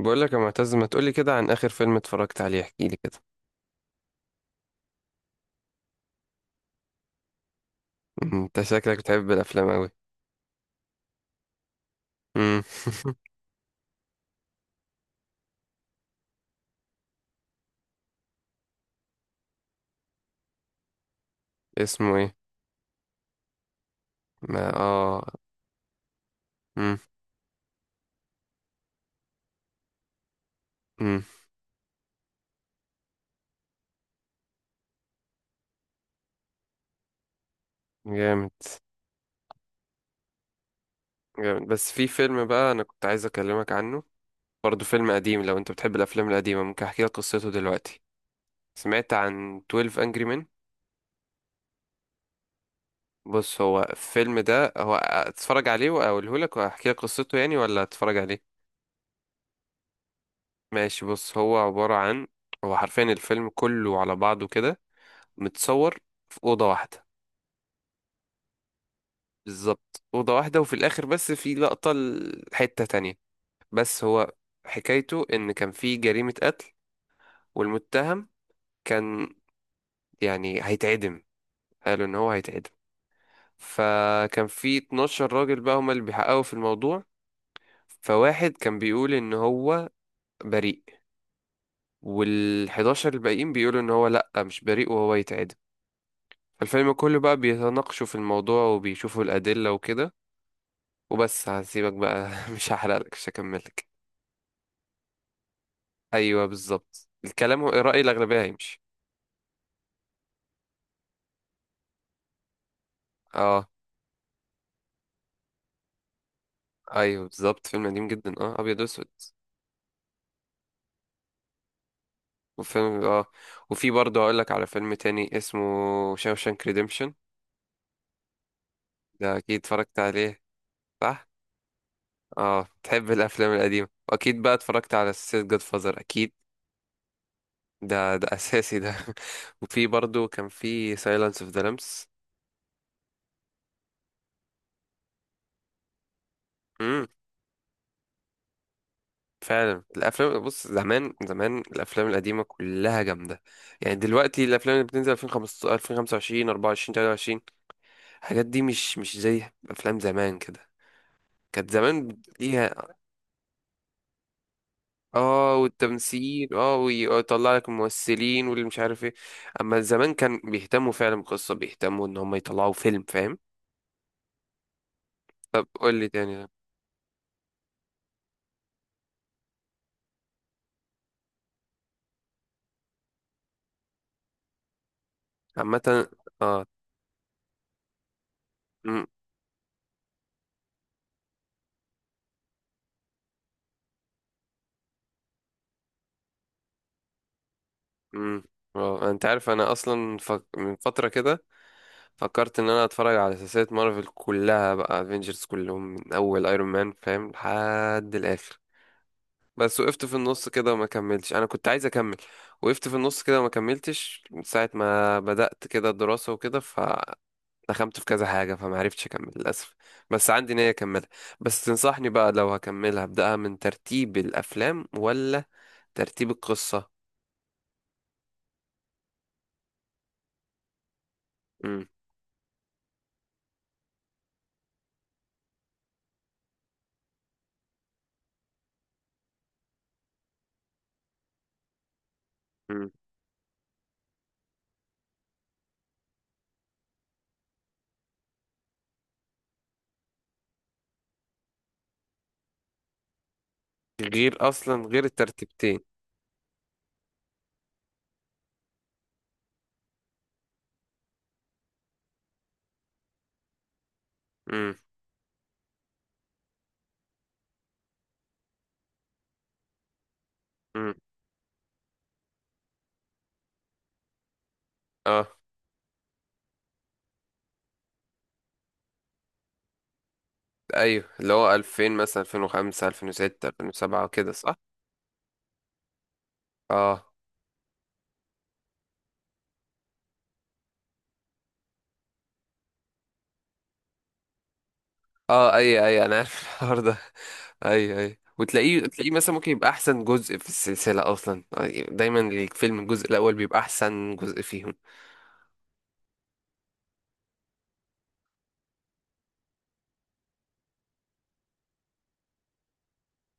بقول لك يا معتز، ما تقولي كده عن اخر فيلم اتفرجت عليه؟ احكي لي كده. انت شكلك بتحب الافلام قوي. اسمه ايه؟ ما اه مم، مم، جامد. جامد، بس في فيلم بقى انا كنت عايز اكلمك عنه، برضه فيلم قديم. لو انت بتحب الافلام القديمه ممكن احكي لك قصته دلوقتي. سمعت عن 12 انجري مان؟ بص، هو الفيلم ده هو اتفرج عليه واقوله لك واحكي لك قصته يعني، ولا اتفرج عليه؟ ماشي، بص، هو عباره عن، هو حرفيا الفيلم كله على بعضه كده متصور في أوضة واحدة. بالظبط أوضة واحدة، وفي الآخر بس في لقطة لحتة تانية. بس هو حكايته إن كان في جريمة قتل، والمتهم كان يعني هيتعدم. قالوا إن هو هيتعدم. فكان في 12 راجل بقى هما اللي بيحققوا في الموضوع. فواحد كان بيقول إن هو بريء، وال11 الباقيين بيقولوا إن هو لأ، مش بريء وهو يتعدم. الفيلم كله بقى بيتناقشوا في الموضوع وبيشوفوا الأدلة وكده، وبس هسيبك بقى مش هحرقلك، مش هكملك. ايوه بالظبط الكلام، هو رأي الأغلبية هيمشي. اه، ايوه بالظبط، فيلم قديم جدا، اه، ابيض واسود. وفيلم اه، وفي برضه هقول لك على فيلم تاني اسمه شاوشانك ريديمشن. ده اكيد اتفرجت عليه، صح؟ اه، تحب الافلام القديمة، واكيد بقى اتفرجت على سلسلة جاد فازر، اكيد، ده اساسي ده. وفي برضه كان في سايلانس اوف ذا لامبس. فعلا الافلام، بص زمان زمان الافلام القديمه كلها جامده. يعني دلوقتي الافلام اللي بتنزل 2015، 2025، 24، 23، الحاجات دي مش زي افلام زمان كده. كانت زمان ليها، اه والتمثيل، اه، ويطلع لك الممثلين واللي مش عارف ايه. اما زمان كان بيهتموا فعلا بقصه، بيهتموا ان هم يطلعوا فيلم فاهم. طب قول لي تاني. عامه. اه. امم. امم. اه، انت عارف انا اصلا من فتره كده فكرت ان انا اتفرج على سلسله مارفل كلها بقى، افنجرز كلهم من اول ايرون مان فاهم لحد الاخر. بس وقفت في النص كده وما كملتش، انا كنت عايز اكمل. وقفت في النص كده وما كملتش من ساعه ما بدات كده الدراسه وكده، فدخلت في كذا حاجه فما عرفتش اكمل للاسف. بس عندي نيه اكملها. بس تنصحني بقى لو هكملها ابداها من ترتيب الافلام ولا ترتيب القصه؟ امم. امم. غير اصلا غير الترتيبتين. امم. امم. ايوه، اللي هو 2000 مثلا، 2005، 2006، 2007 كده، صح؟ اه. اه، اي اي انا عارف الحوار ده. اي اي، وتلاقيه مثلا ممكن يبقى احسن جزء في السلسله اصلا، دايما الفيلم الجزء الاول بيبقى احسن جزء فيهم.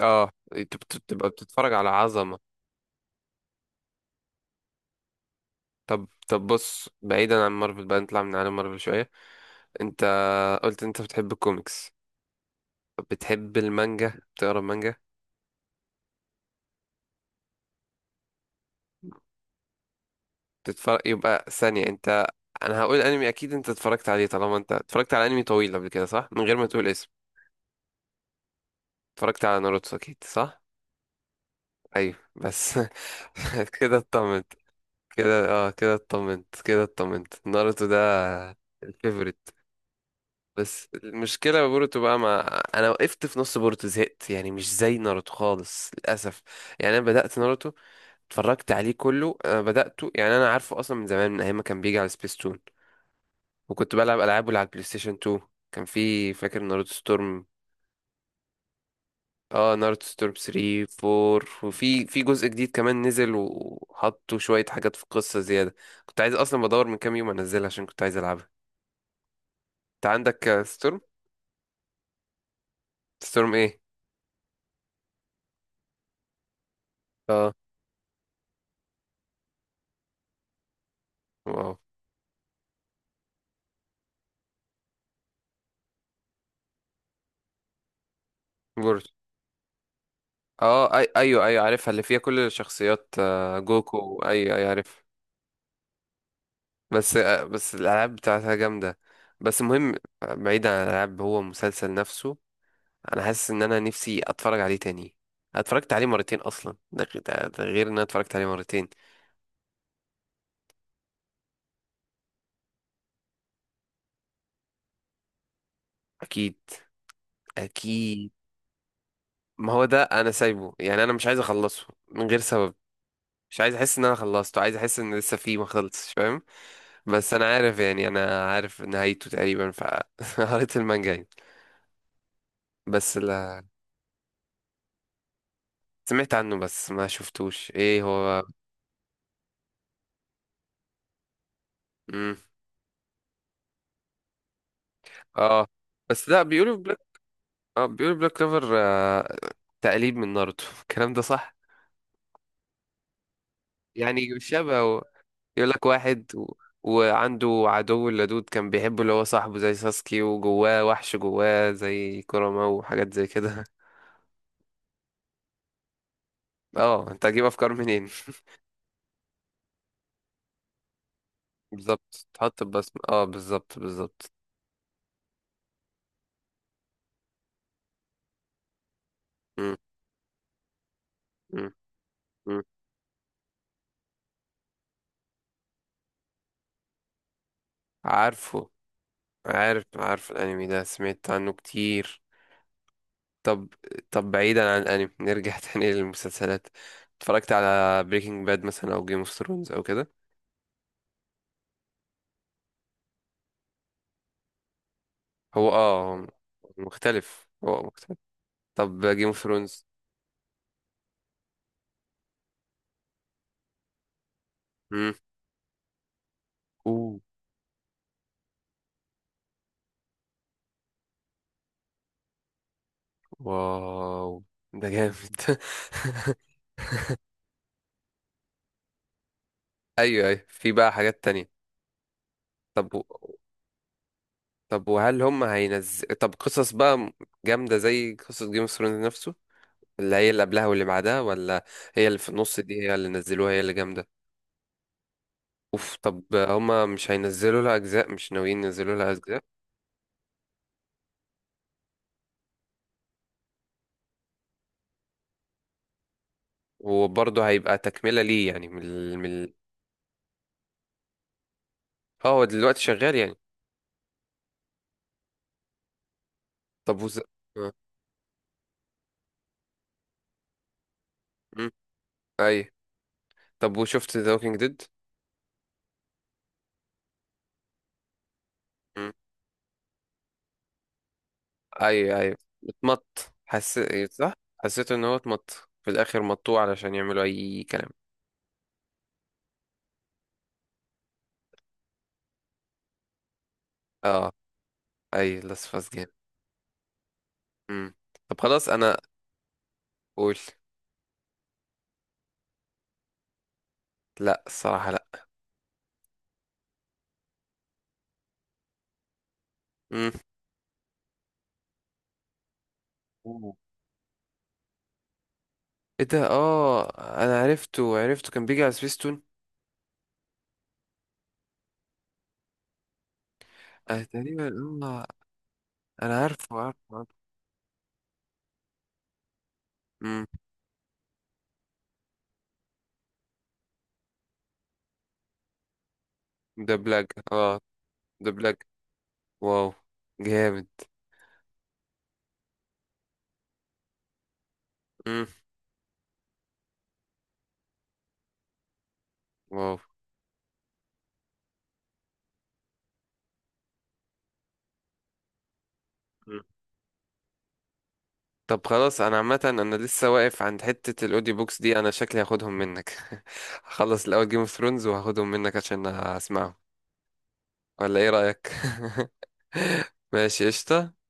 اه انت بتبقى بتتفرج على عظمه. طب طب بص، بعيدا عن مارفل بقى، نطلع من عالم مارفل شويه. انت قلت انت بتحب الكوميكس. طب بتحب المانجا؟ بتقرا مانجا؟ تتفرج يبقى ثانية انت. انا هقول انمي اكيد انت اتفرجت عليه، طالما انت اتفرجت على انمي طويل قبل كده، صح؟ من غير ما تقول اسم، اتفرجت على ناروتو اكيد، صح؟ ايوه بس كده اطمنت. كده، اه كده اطمنت، كده اطمنت. ناروتو ده الفيفوريت. بس المشكلة بوروتو بقى، مع انا وقفت في نص بوروتو زهقت، يعني مش زي ناروتو خالص للاسف. يعني انا بدأت ناروتو، اتفرجت عليه كله. انا بدأته، يعني انا عارفه اصلا من زمان، من ايام ما كان بيجي على سبيستون، وكنت بلعب العاب على البلاي ستيشن 2. كان في، فاكر ناروتو ستورم؟ اه، ناروتو ستورم 3، 4، وفي في جزء جديد كمان نزل وحطوا شوية حاجات في القصة زيادة. كنت عايز اصلا بدور من كام يوم انزلها عشان كنت عايز العبها. انت عندك ستورم؟ ستورم ايه؟ اه. واو. جورج. اه، أي ايوه ايوه عارفها اللي فيها كل الشخصيات، جوكو، ايوه ايوه عارف. بس بس الالعاب بتاعتها جامدة. بس المهم، بعيد عن الالعاب، هو مسلسل نفسه. انا حاسس ان انا نفسي اتفرج عليه تاني. أنا اتفرجت عليه مرتين اصلا، ده غير ان انا اتفرجت عليه مرتين. اكيد. اكيد. ما هو ده انا سايبه، يعني انا مش عايز اخلصه من غير سبب، مش عايز احس ان انا خلصته، عايز احس ان لسه فيه ما خلصش، فاهم؟ بس انا عارف، يعني انا عارف نهايته تقريبا، فقريت المانجا يعني. بس لا. سمعت عنه بس ما شفتوش، ايه هو؟ مم. اه. بس لا بيقولوا بلاك. اه بيقولوا بلاك كلوفر تقليد من ناروتو. الكلام ده صح. يعني شبهه، يقول لك واحد وعنده عدو اللدود كان بيحبه اللي هو صاحبه زي ساسكي، وجواه وحش جواه زي كوراما وحاجات زي كده. اه انت هتجيب افكار منين؟ بالظبط تحط بصمة، اه بالظبط بالظبط. مم، مم، مم. عارفه. عارف عارف الانمي ده سمعت عنه كتير. طب، طب بعيدا عن الانمي نرجع تاني للمسلسلات. اتفرجت على بريكنج باد مثلا او جيم اوف ثرونز او كده؟ هو مختلف، هو مختلف. طب جيم اوف ثرونز. اوه. واو. ده جامد ايوه ايوه في بقى حاجات تانية. طب طب وهل هم هينزل، طب قصص بقى جامدة زي قصة جيم اوف ثرونز نفسه، اللي هي اللي قبلها واللي بعدها ولا هي اللي في النص دي هي اللي نزلوها هي اللي جامدة؟ اوف، طب هم مش هينزلوا لها اجزاء، مش ناويين ينزلوا لها اجزاء؟ وبرضه هيبقى تكملة ليه يعني اه هو دلوقتي شغال يعني. طب آه، مم، ايوه. طب وشفت ذا ووكينج ديد؟ ايوه ايوه، اتمط حسيت صح؟ حسيت ان هو اتمط في الاخر، مطوه علشان يعملوا اي كلام. اه. اي لاس جيم. امم. طب خلاص، انا. قول. لا الصراحه لا. امم. أوه. ايه ده، اه انا عرفته عرفته، كان بيجي على سبيستون. آه تقريبا. اه انا عارفه عارفه عارفه. امم. ده بلاك. اه ده بلاك. واو. جامد. امم. واو. طب خلاص انا عامه، انا لسه واقف عند حته الاوديو بوكس دي، انا شكلي هاخدهم منك. هخلص الاول جيم اوف ثرونز وهاخدهم منك عشان اسمعهم، ولا ايه رايك؟ ماشي قشطه.